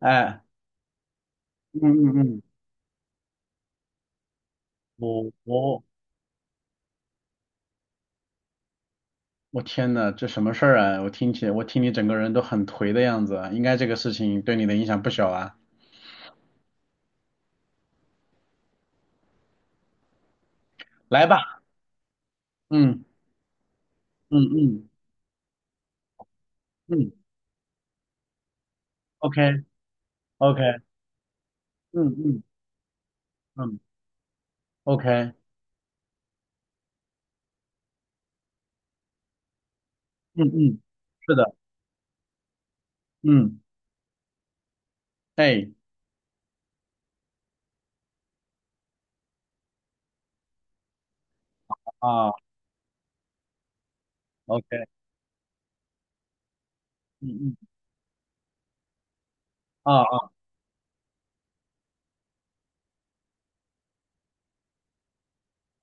哎，嗯嗯嗯，我我我天呐，这什么事儿啊？我听你整个人都很颓的样子啊，应该这个事情对你的影响不小啊。来吧。嗯嗯嗯嗯。OK OK。嗯嗯嗯。OK。嗯嗯。是的。嗯。哎啊。OK。嗯嗯啊啊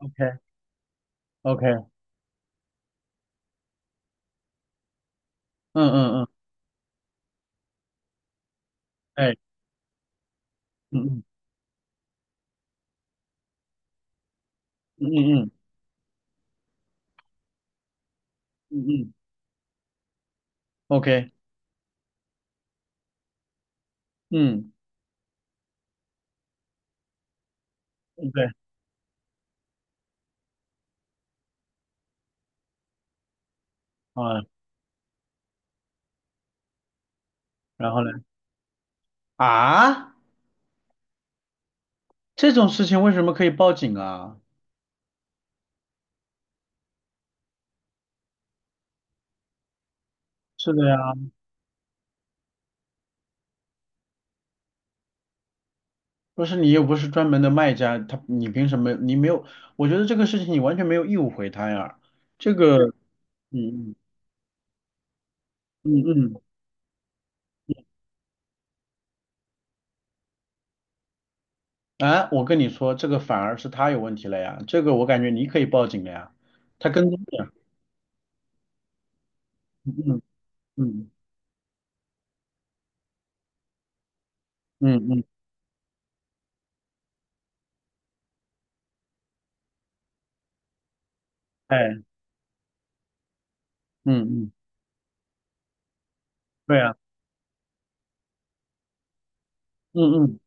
，OK OK。嗯嗯嗯。哎。嗯嗯嗯嗯嗯嗯。OK。嗯。对啊。然后呢？啊，这种事情为什么可以报警啊？是的呀，不是，你又不是专门的卖家，你凭什么？你没有。我觉得这个事情你完全没有义务回他呀。这个。嗯嗯嗯嗯。啊，我跟你说，这个反而是他有问题了呀。这个我感觉你可以报警了呀，他跟踪的呀。嗯嗯嗯嗯。嗯。哎。嗯嗯。对呀。嗯嗯。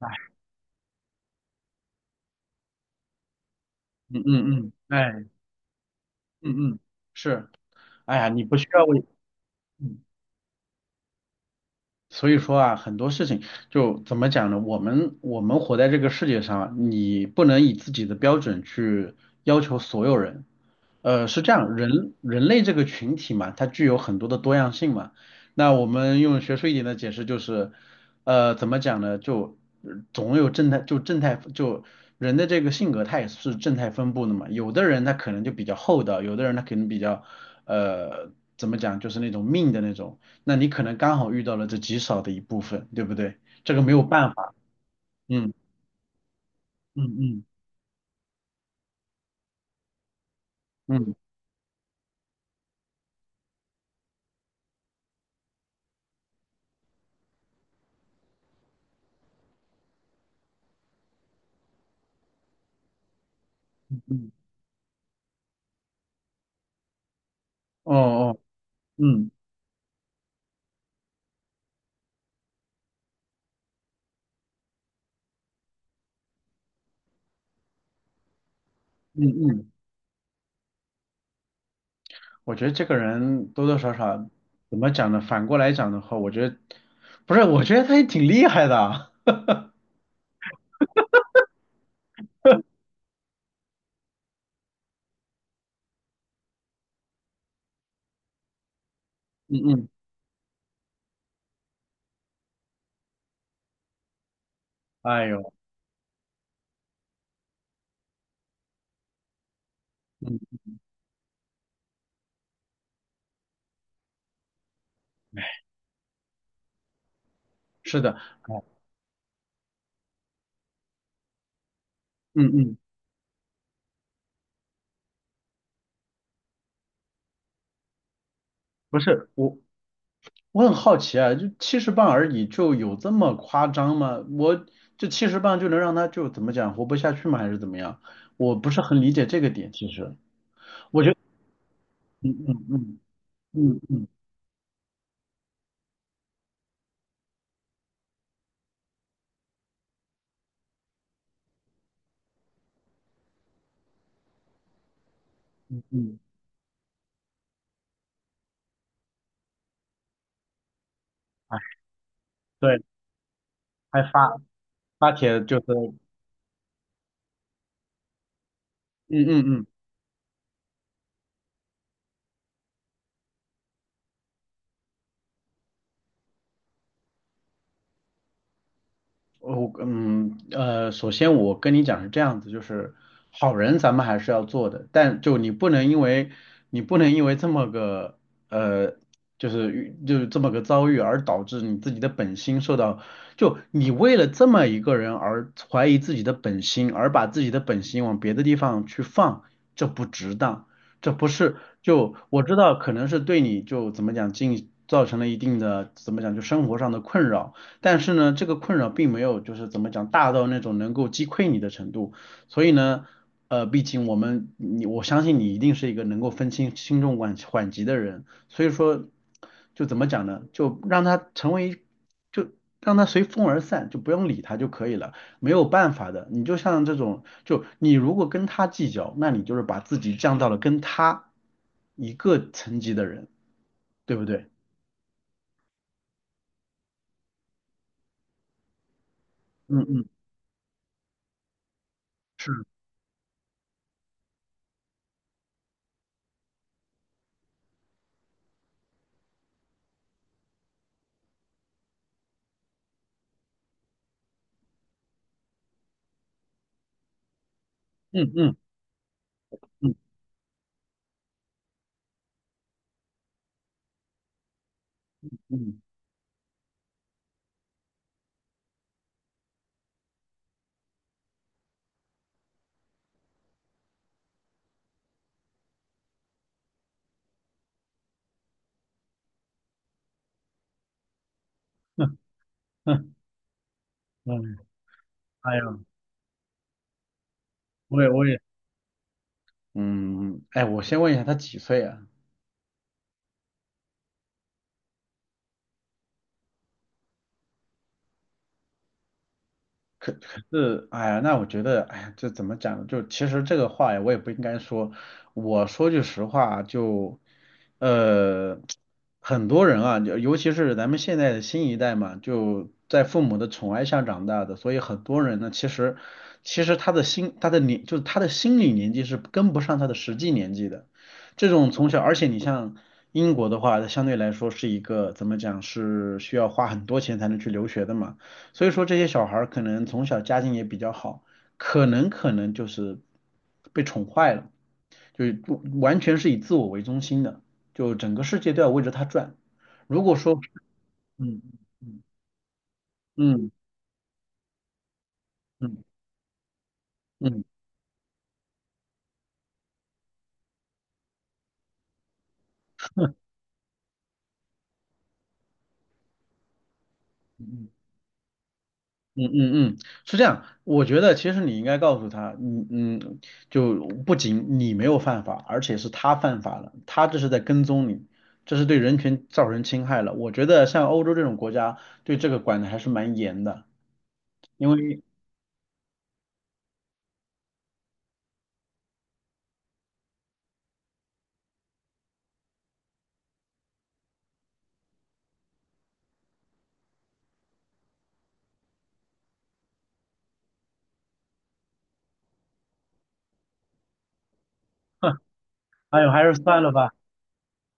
哎。嗯嗯嗯。哎。嗯嗯。是。哎呀，你不需要为。所以说啊，很多事情就怎么讲呢？我们活在这个世界上啊，你不能以自己的标准去要求所有人。是这样，人类这个群体嘛，它具有很多的多样性嘛。那我们用学术一点的解释就是，怎么讲呢？就总有正态，就正态，就人的这个性格，它也是正态分布的嘛。有的人他可能就比较厚道，有的人他可能比较，呃，怎么讲，就是那种命的那种。那你可能刚好遇到了这极少的一部分，对不对？这个没有办法。嗯嗯嗯嗯嗯。哦哦。嗯嗯嗯。我觉得这个人多多少少，怎么讲呢？反过来讲的话，我觉得不是，我觉得他也挺厉害的啊。嗯嗯。哎呦。嗯。哎。是的。哎。嗯嗯。不是我很好奇啊，就七十磅而已，就有这么夸张吗？我这七十磅就能让他就怎么讲活不下去吗？还是怎么样？我不是很理解这个点，其实。我觉得。嗯嗯嗯嗯嗯嗯。哎。对。还发帖就是。嗯嗯嗯。呃我嗯呃，首先我跟你讲是这样子，就是好人咱们还是要做的，但就你不能因为这么个呃，就是这么个遭遇而导致你自己的本心受到，就你为了这么一个人而怀疑自己的本心，而把自己的本心往别的地方去放，这不值当。这不是就我知道可能是对你就怎么讲进造成了一定的怎么讲就生活上的困扰。但是呢，这个困扰并没有就是怎么讲大到那种能够击溃你的程度，所以呢，毕竟我们你我相信你一定是一个能够分清轻重缓急的人，所以说就怎么讲呢，就让它随风而散，就不用理它就可以了。没有办法的，你就像这种就你如果跟他计较，那你就是把自己降到了跟他一个层级的人，对不对？嗯嗯。是。嗯嗯嗯嗯嗯。嗯嗯。哎呀，我也我也，嗯，哎，我先问一下，他几岁啊？是。哎呀，那我觉得，哎呀，这怎么讲呢？就其实这个话呀，我也不应该说。我说句实话，就，呃，很多人啊，就尤其是咱们现在的新一代嘛，就在父母的宠爱下长大的，所以很多人呢，其实，其实他的心，他的年，就是他的心理年纪是跟不上他的实际年纪的。这种从小，而且你像英国的话，它相对来说是一个怎么讲，是需要花很多钱才能去留学的嘛。所以说这些小孩儿可能从小家境也比较好，可能就是被宠坏了，就是不完全是以自我为中心的，就整个世界都要围着他转。如果说，嗯嗯嗯嗯嗯嗯嗯嗯，嗯嗯。是这样，我觉得其实你应该告诉他，嗯嗯，就不仅你没有犯法，而且是他犯法了，他这是在跟踪你，这是对人权造成侵害了。我觉得像欧洲这种国家对这个管的还是蛮严的。因为哎呦，还是算了吧。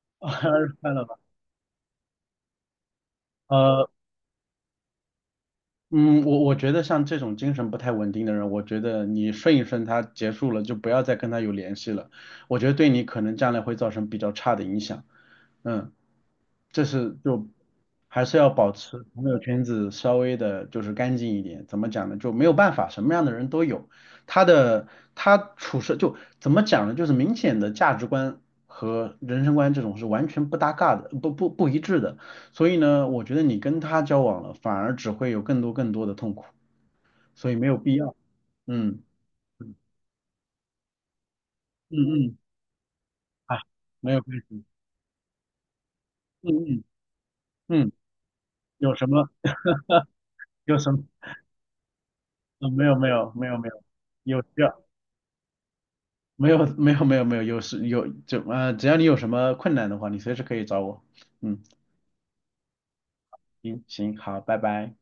还是算了吧。呃，嗯，我觉得像这种精神不太稳定的人，我觉得你顺一顺他，结束了就不要再跟他有联系了。我觉得对你可能将来会造成比较差的影响。嗯。这是就还是要保持朋友圈子稍微的，就是干净一点。怎么讲呢？就没有办法，什么样的人都有。他的他处事就怎么讲呢？就是明显的价值观和人生观这种是完全不搭嘎的，不一致的。所以呢，我觉得你跟他交往了，反而只会有更多更多的痛苦，所以没有必要。嗯嗯嗯。啊，没有关系。嗯嗯嗯。有什么有什么？嗯，没有没有没有没有，有需要。没有没有没有没有，有时有就呃，只要你有什么困难的话，你随时可以找我。嗯。行行，好，拜拜。